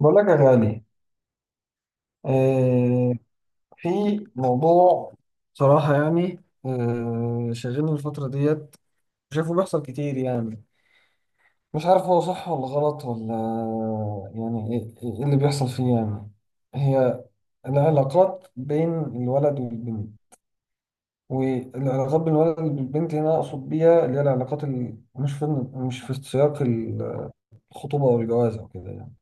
بقول لك يا غالي. آه، في موضوع، صراحة يعني شاغلني الفترة ديت، شايفه بيحصل كتير يعني. مش عارف هو صح ولا غلط ولا، يعني إيه اللي بيحصل فيه يعني. هي العلاقات بين الولد والبنت. والعلاقات بين الولد والبنت هنا أقصد بيها اللي هي العلاقات اللي مش في سياق الخطوبة أو الجواز أو كده يعني.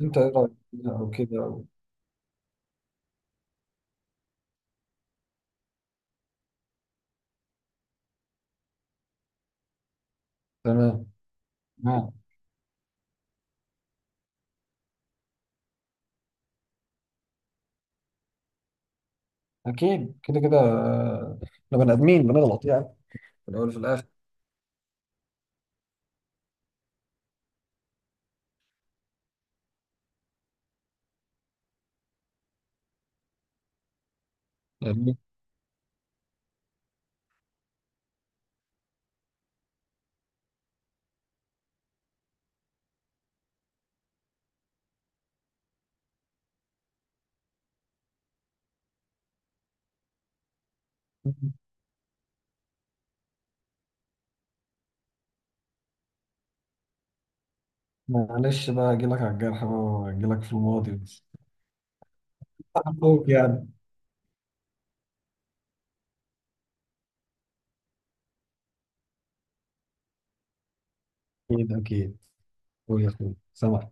أنت إيه رأيك؟ أو كده أو... تمام. أكيد كده كده، آه، إحنا بني آدمين بنغلط يعني، في الأول وفي الآخر يعني. معلش بقى أجيلك على الجرح بقى وأجيلك في الماضي بس. أخوك يعني. أكيد أكيد. قول يا أخوي، سامع.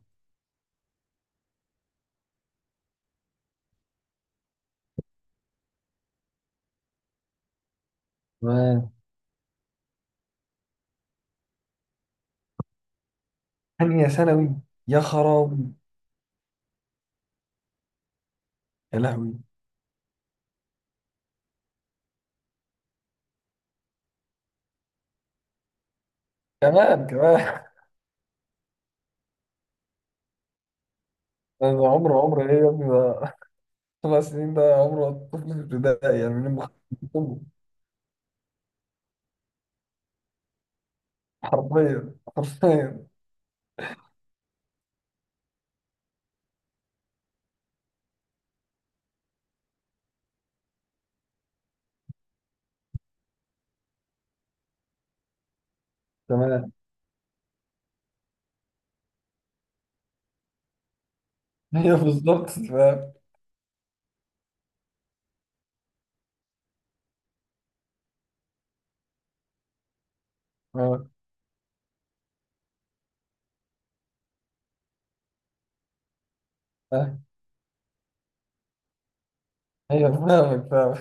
تمام. تانية ثانوي؟ يا خرابي. يا لهوي. كمان كمان. ده عمر عمر إيه يا ابني ده؟ 5 سنين ده عمر الطفل في ابتدائي يعني، من مخ-. حرفيا حرفيا. تمام. هي بالظبط، فاهم. آه، آه، هي فاهمك، فاهم.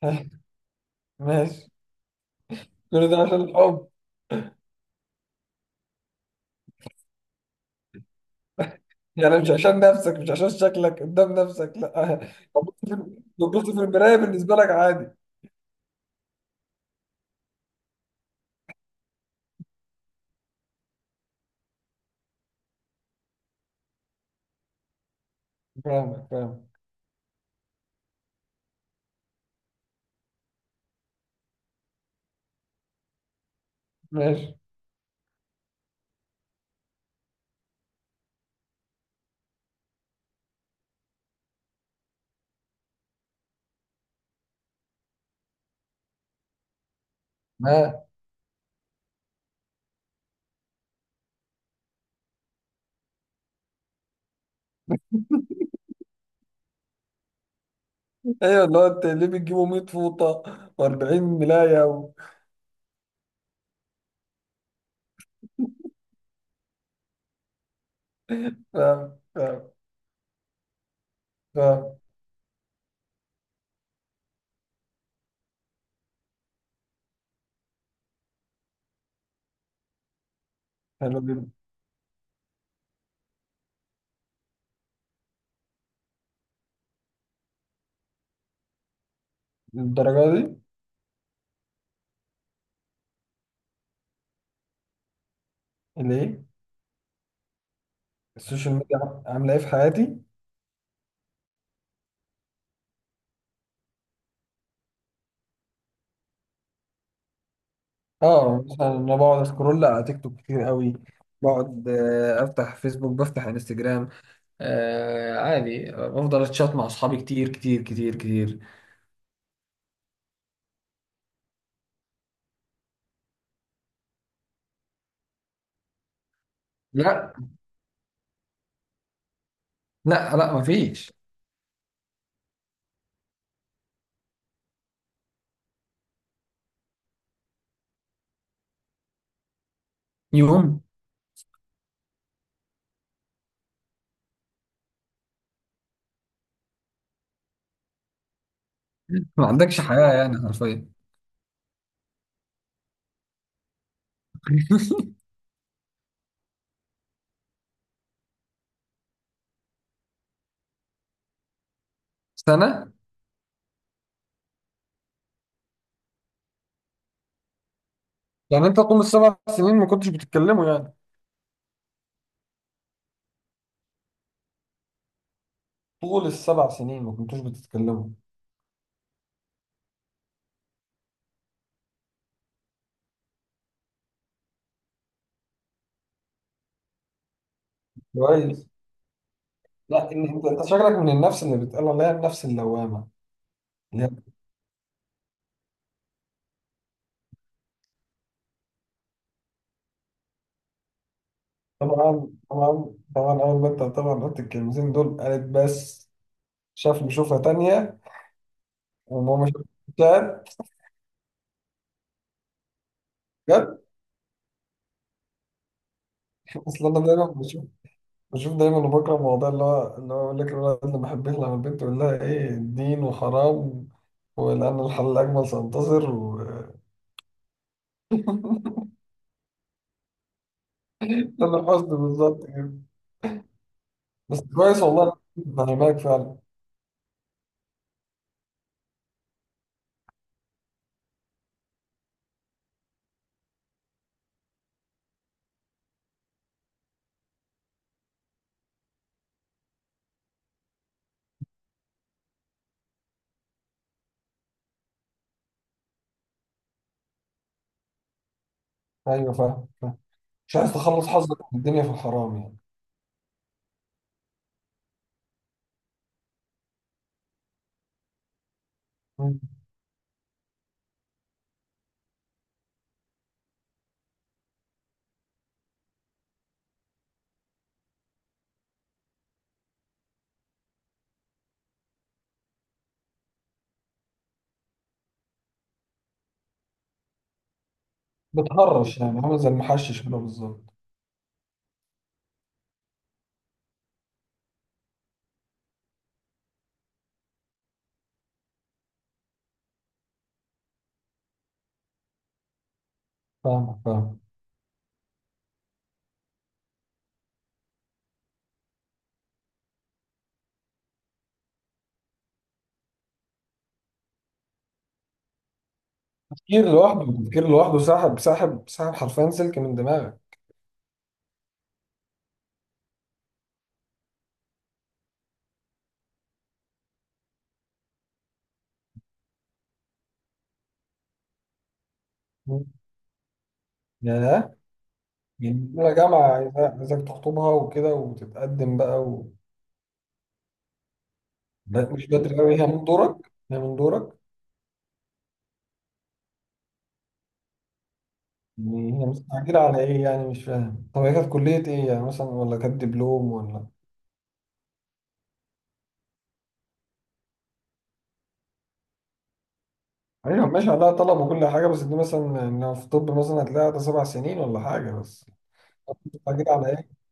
ماشي. كل ده عشان الحب؟ يعني مش عشان نفسك، مش عشان شكلك قدام نفسك؟ لا. لو بصت في... لو بصت في المراية بالنسبة لك عادي؟ فاهمك، فاهم. ماشي. ها. ايوه، اللي هو انت ليه بتجيبوا 100 فوطة و40 ملاية و... فاهم، فاهم، فاهم. حلو جدا. الدرجة دي؟ اللي ايه؟ السوشيال ميديا عاملة ايه في حياتي؟ اه، مثلا انا بقعد اسكرول على تيك توك كتير قوي. بقعد، آه، افتح فيسبوك، بفتح انستجرام. آه، عادي، بفضل اتشات مع اصحابي كتير كتير كتير كتير. لا. لا، لا مفيش. يوم. ما عندكش حياة يعني حرفيا. سنة. يعني انت طول السبع سنين ما كنتش بتتكلموا يعني؟ طول السبع سنين ما كنتوش بتتكلموا؟ كويس. لا، إن انت شكلك من النفس اللي بتقال عليها النفس اللوامة، اللي هي... طبعا طبعا طبعا. اول ما انت طبعا قلت الكلمتين دول قالت بس، شاف لي شوفها تانية. وماما شافت. جد؟ اصل انا دايما بشوف، بشوف دايما، وبكره الموضوع اللي هو يقول لك الولد اللي ما بحبش، لما البنت يقول لها ايه دين وحرام. ولأن الحل الأجمل سينتصر و... ده الحزن بالظبط كده. بس كويس، والله أنا فاهمك فعلا. أيوه فاهم، فاهم. مش عايز تخلص حظك من الدنيا في الحرام يعني. مم. بتهرش، يعني عامل زي المحشش كده بالظبط. فاهمك، فاهم. التفكير لوحده، التفكير لوحده ساحب ساحب ساحب حرفيا سلك من دماغك. مم. يا ده. يعني يا جماعة عايزاك عايزاك تخطبها وكده وتتقدم بقى. لا مش بدري أوي، هي من دورك، هي من دورك. مم. هي مستعجلة على إيه يعني؟ مش فاهم. طب هي كانت كلية إيه يعني مثلا، ولا كانت دبلوم ولا... أيوة ماشي، عليها طلب وكل حاجة، بس دي مثلا يعني لو في طب مثلا هتلاقيها ده 7 سنين ولا حاجة، بس... مستعجلة على إيه؟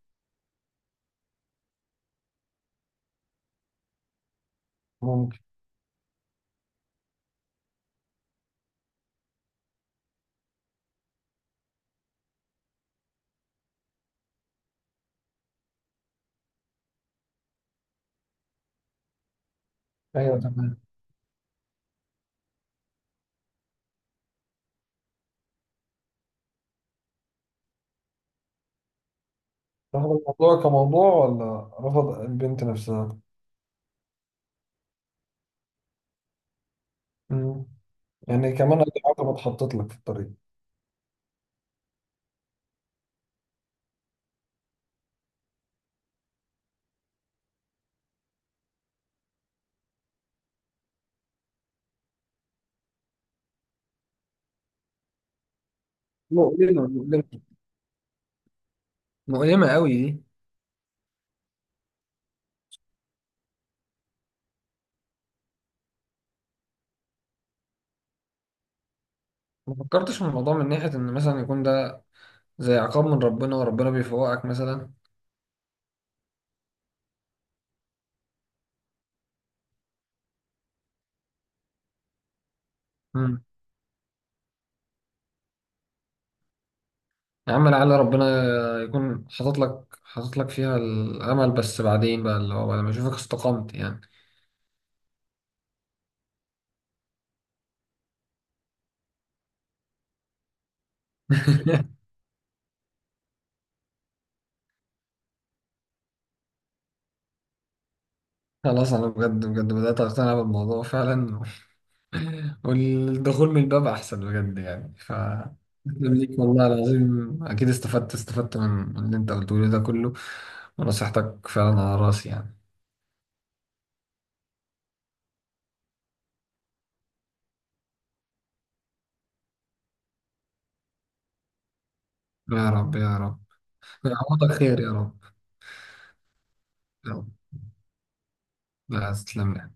ممكن. أيوة تمام. رفض الموضوع كموضوع ولا رفض البنت نفسها؟ مم. يعني كمان أدي عقبة اتحطت لك في الطريق. مؤلمة مؤلمة. مؤلمة قوي دي. ما فكرتش في الموضوع من ناحية إن مثلا يكون ده زي عقاب من ربنا وربنا بيفوقك مثلا؟ مم. يا عم لعل ربنا يكون حاطط لك، حاطط لك فيها الامل، بس بعدين بقى اللي هو بعد ما اشوفك استقمت يعني. خلاص، انا بجد بجد بدات اقتنع بالموضوع فعلا. والدخول من الباب احسن بجد يعني ف... أتمنى ليك والله العظيم، اكيد استفدت استفدت من اللي انت قلته لي ده كله، ونصيحتك فعلا على راسي يعني. يا رب يا رب. يعوضك خير يا رب. يا رب. لا، تسلم لي.